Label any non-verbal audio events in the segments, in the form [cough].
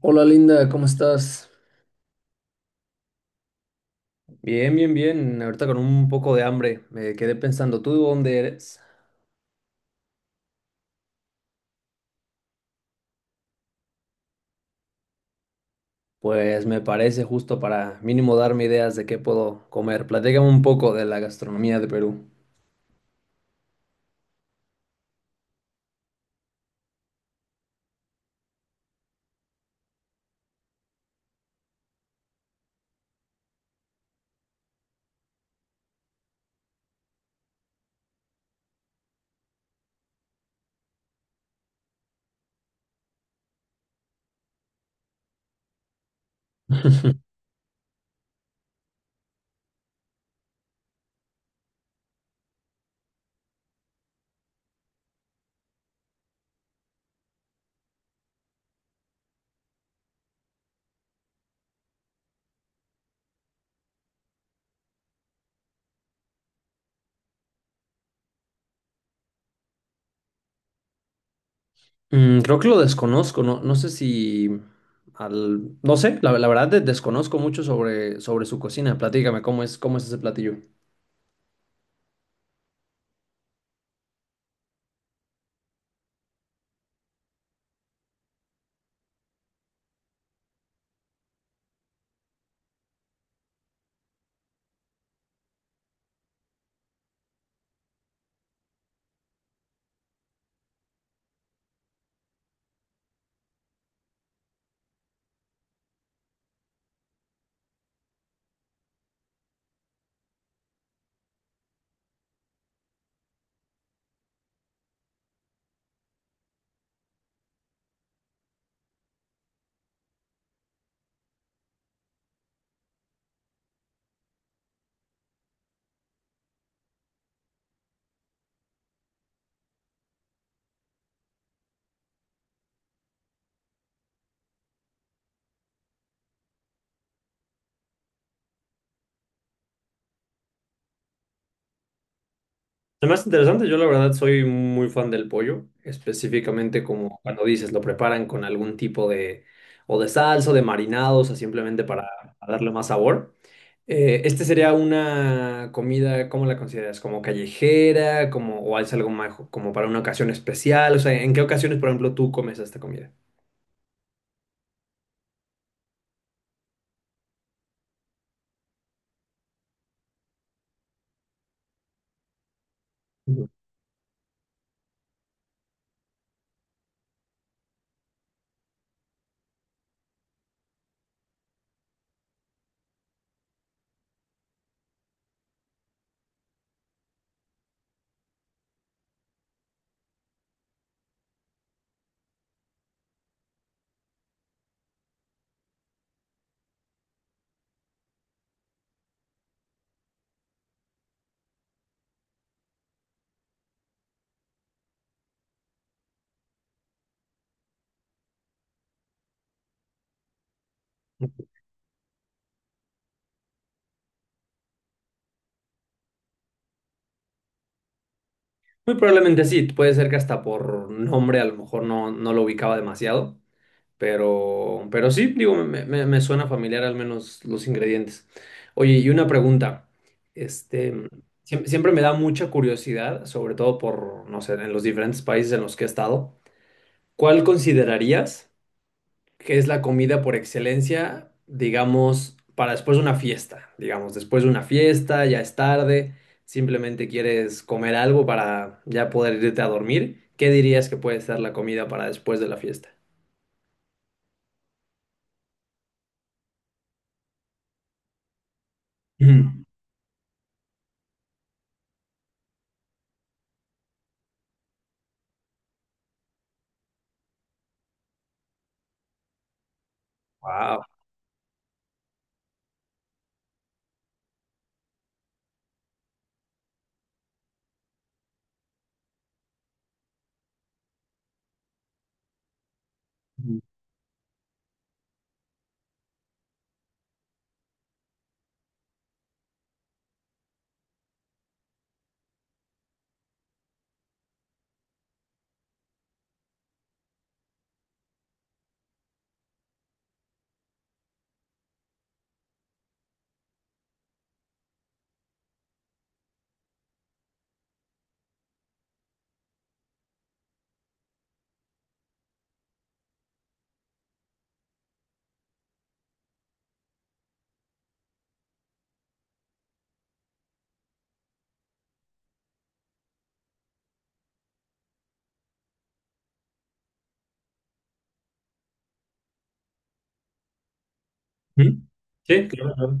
Hola Linda, ¿cómo estás? Bien, bien, bien. Ahorita con un poco de hambre. Me quedé pensando, ¿tú de dónde eres? Pues me parece justo para mínimo darme ideas de qué puedo comer. Platícame un poco de la gastronomía de Perú. Mm, creo que lo desconozco, no, no sé si... No sé, la verdad desconozco mucho sobre, sobre su cocina. Platícame, cómo es ese platillo? Lo más interesante, yo la verdad soy muy fan del pollo, específicamente como cuando dices, lo preparan con algún tipo de, o de salsa, o de marinados, o sea, simplemente para darle más sabor. Este sería una comida, ¿cómo la consideras? ¿Como callejera? Como, ¿o es algo más como para una ocasión especial? O sea, ¿en qué ocasiones, por ejemplo, tú comes esta comida? Ujú. Muy probablemente sí, puede ser que hasta por nombre a lo mejor no, no lo ubicaba demasiado, pero sí, digo, me suena familiar al menos los ingredientes. Oye, y una pregunta. Este, siempre me da mucha curiosidad, sobre todo por, no sé, en los diferentes países en los que he estado. ¿Cuál considerarías que es la comida por excelencia, digamos, para después de una fiesta? Digamos, después de una fiesta, ya es tarde, simplemente quieres comer algo para ya poder irte a dormir. ¿Qué dirías que puede ser la comida para después de la fiesta? Mm. Wow. ¿Mm? Sí, claro. Claro.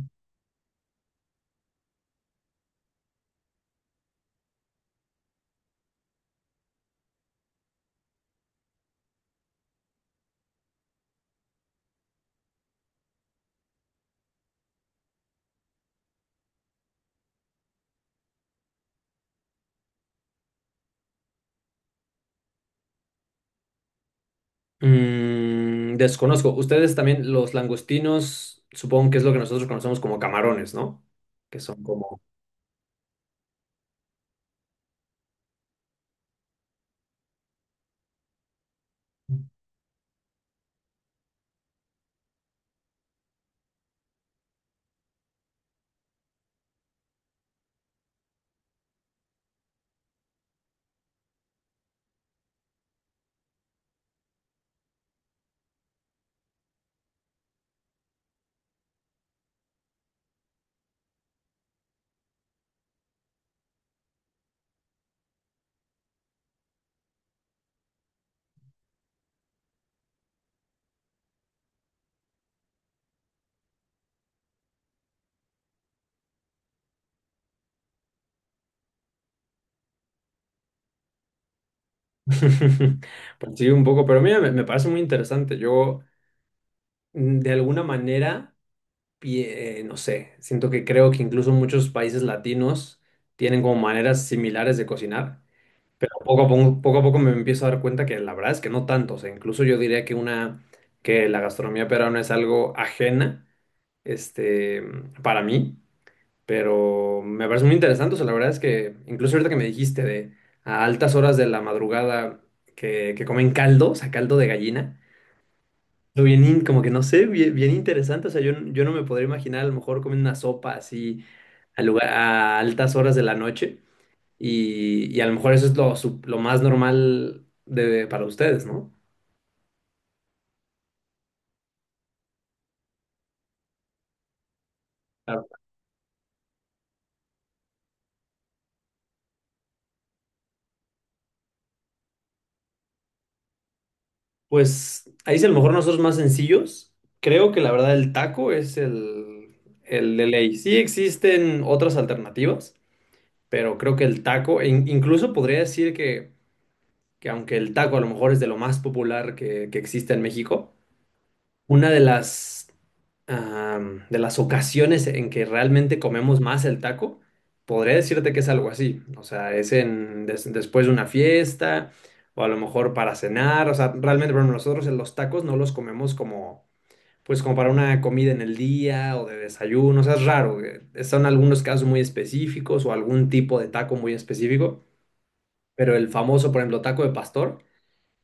Mm, desconozco. Ustedes también, los langostinos, supongo que es lo que nosotros conocemos como camarones, ¿no? Que son como... [laughs] Pues sí, un poco, pero mira, me parece muy interesante. Yo, mm, de alguna manera, no sé, siento que creo que incluso muchos países latinos tienen como maneras similares de cocinar, pero poco a poco me empiezo a dar cuenta que la verdad es que no tanto. O sea, incluso yo diría que una, que la gastronomía peruana es algo ajena este, para mí, pero me parece muy interesante. O sea, la verdad es que incluso ahorita que me dijiste de a altas horas de la madrugada que comen caldo, o sea, caldo de gallina, lo bien, como que no sé, bien, bien interesante. O sea, yo no me podría imaginar a lo mejor comer una sopa así a, lugar, a altas horas de la noche y a lo mejor eso es lo, lo más normal de, para ustedes, ¿no? Pues ahí sí a lo mejor nosotros más sencillos. Creo que la verdad el taco es el de ley. Sí existen otras alternativas, pero creo que el taco, incluso podría decir que aunque el taco a lo mejor es de lo más popular que existe en México, una de las, am, de las ocasiones en que realmente comemos más el taco, podría decirte que es algo así. O sea, es en, después de una fiesta o a lo mejor para cenar. O sea, realmente, bueno, nosotros en los tacos no los comemos como, pues como para una comida en el día o de desayuno. O sea, es raro. Son algunos casos muy específicos o algún tipo de taco muy específico. Pero el famoso, por ejemplo, taco de pastor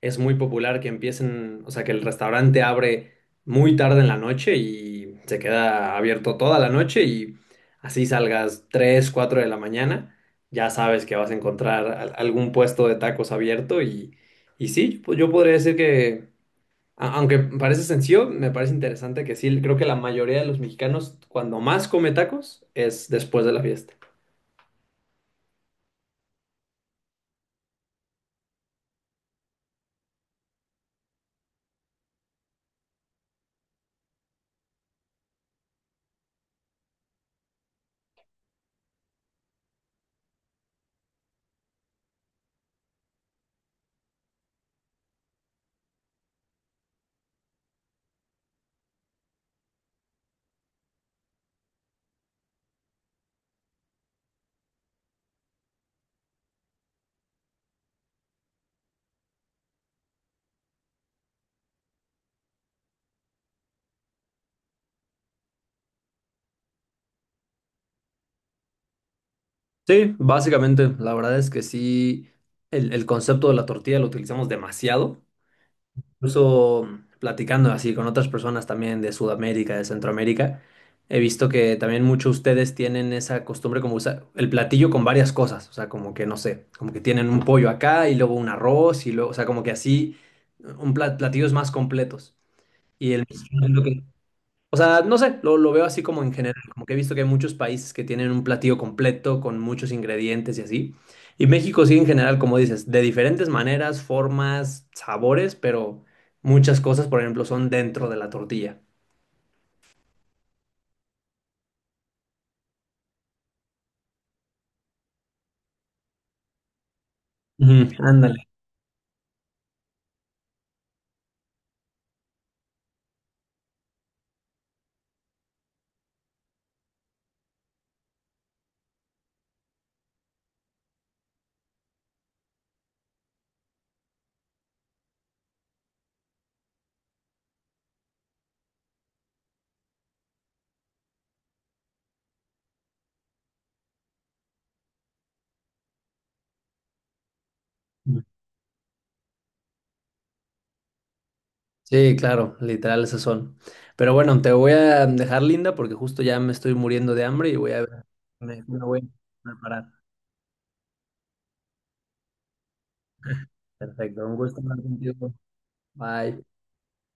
es muy popular que empiecen, o sea, que el restaurante abre muy tarde en la noche y se queda abierto toda la noche y así salgas 3 4 de la mañana, ya sabes que vas a encontrar algún puesto de tacos abierto y sí, pues yo podría decir que, aunque parece sencillo, me parece interesante que sí, creo que la mayoría de los mexicanos cuando más come tacos es después de la fiesta. Sí, básicamente, la verdad es que sí, el concepto de la tortilla lo utilizamos demasiado. Incluso platicando así con otras personas también de Sudamérica, de Centroamérica, he visto que también muchos de ustedes tienen esa costumbre como usar el platillo con varias cosas, o sea, como que no sé, como que tienen un pollo acá y luego un arroz y luego, o sea, como que así un platillos más completos. Y el mexicano es lo que o sea, no sé, lo veo así como en general, como que he visto que hay muchos países que tienen un platillo completo con muchos ingredientes y así. Y México sí en general, como dices, de diferentes maneras, formas, sabores, pero muchas cosas, por ejemplo, son dentro de la tortilla. Ujú, ándale. Sí, claro, literal esas son. Pero bueno, te voy a dejar linda porque justo ya me estoy muriendo de hambre y voy a me voy a preparar. Perfecto, un gusto hablar contigo. Bye.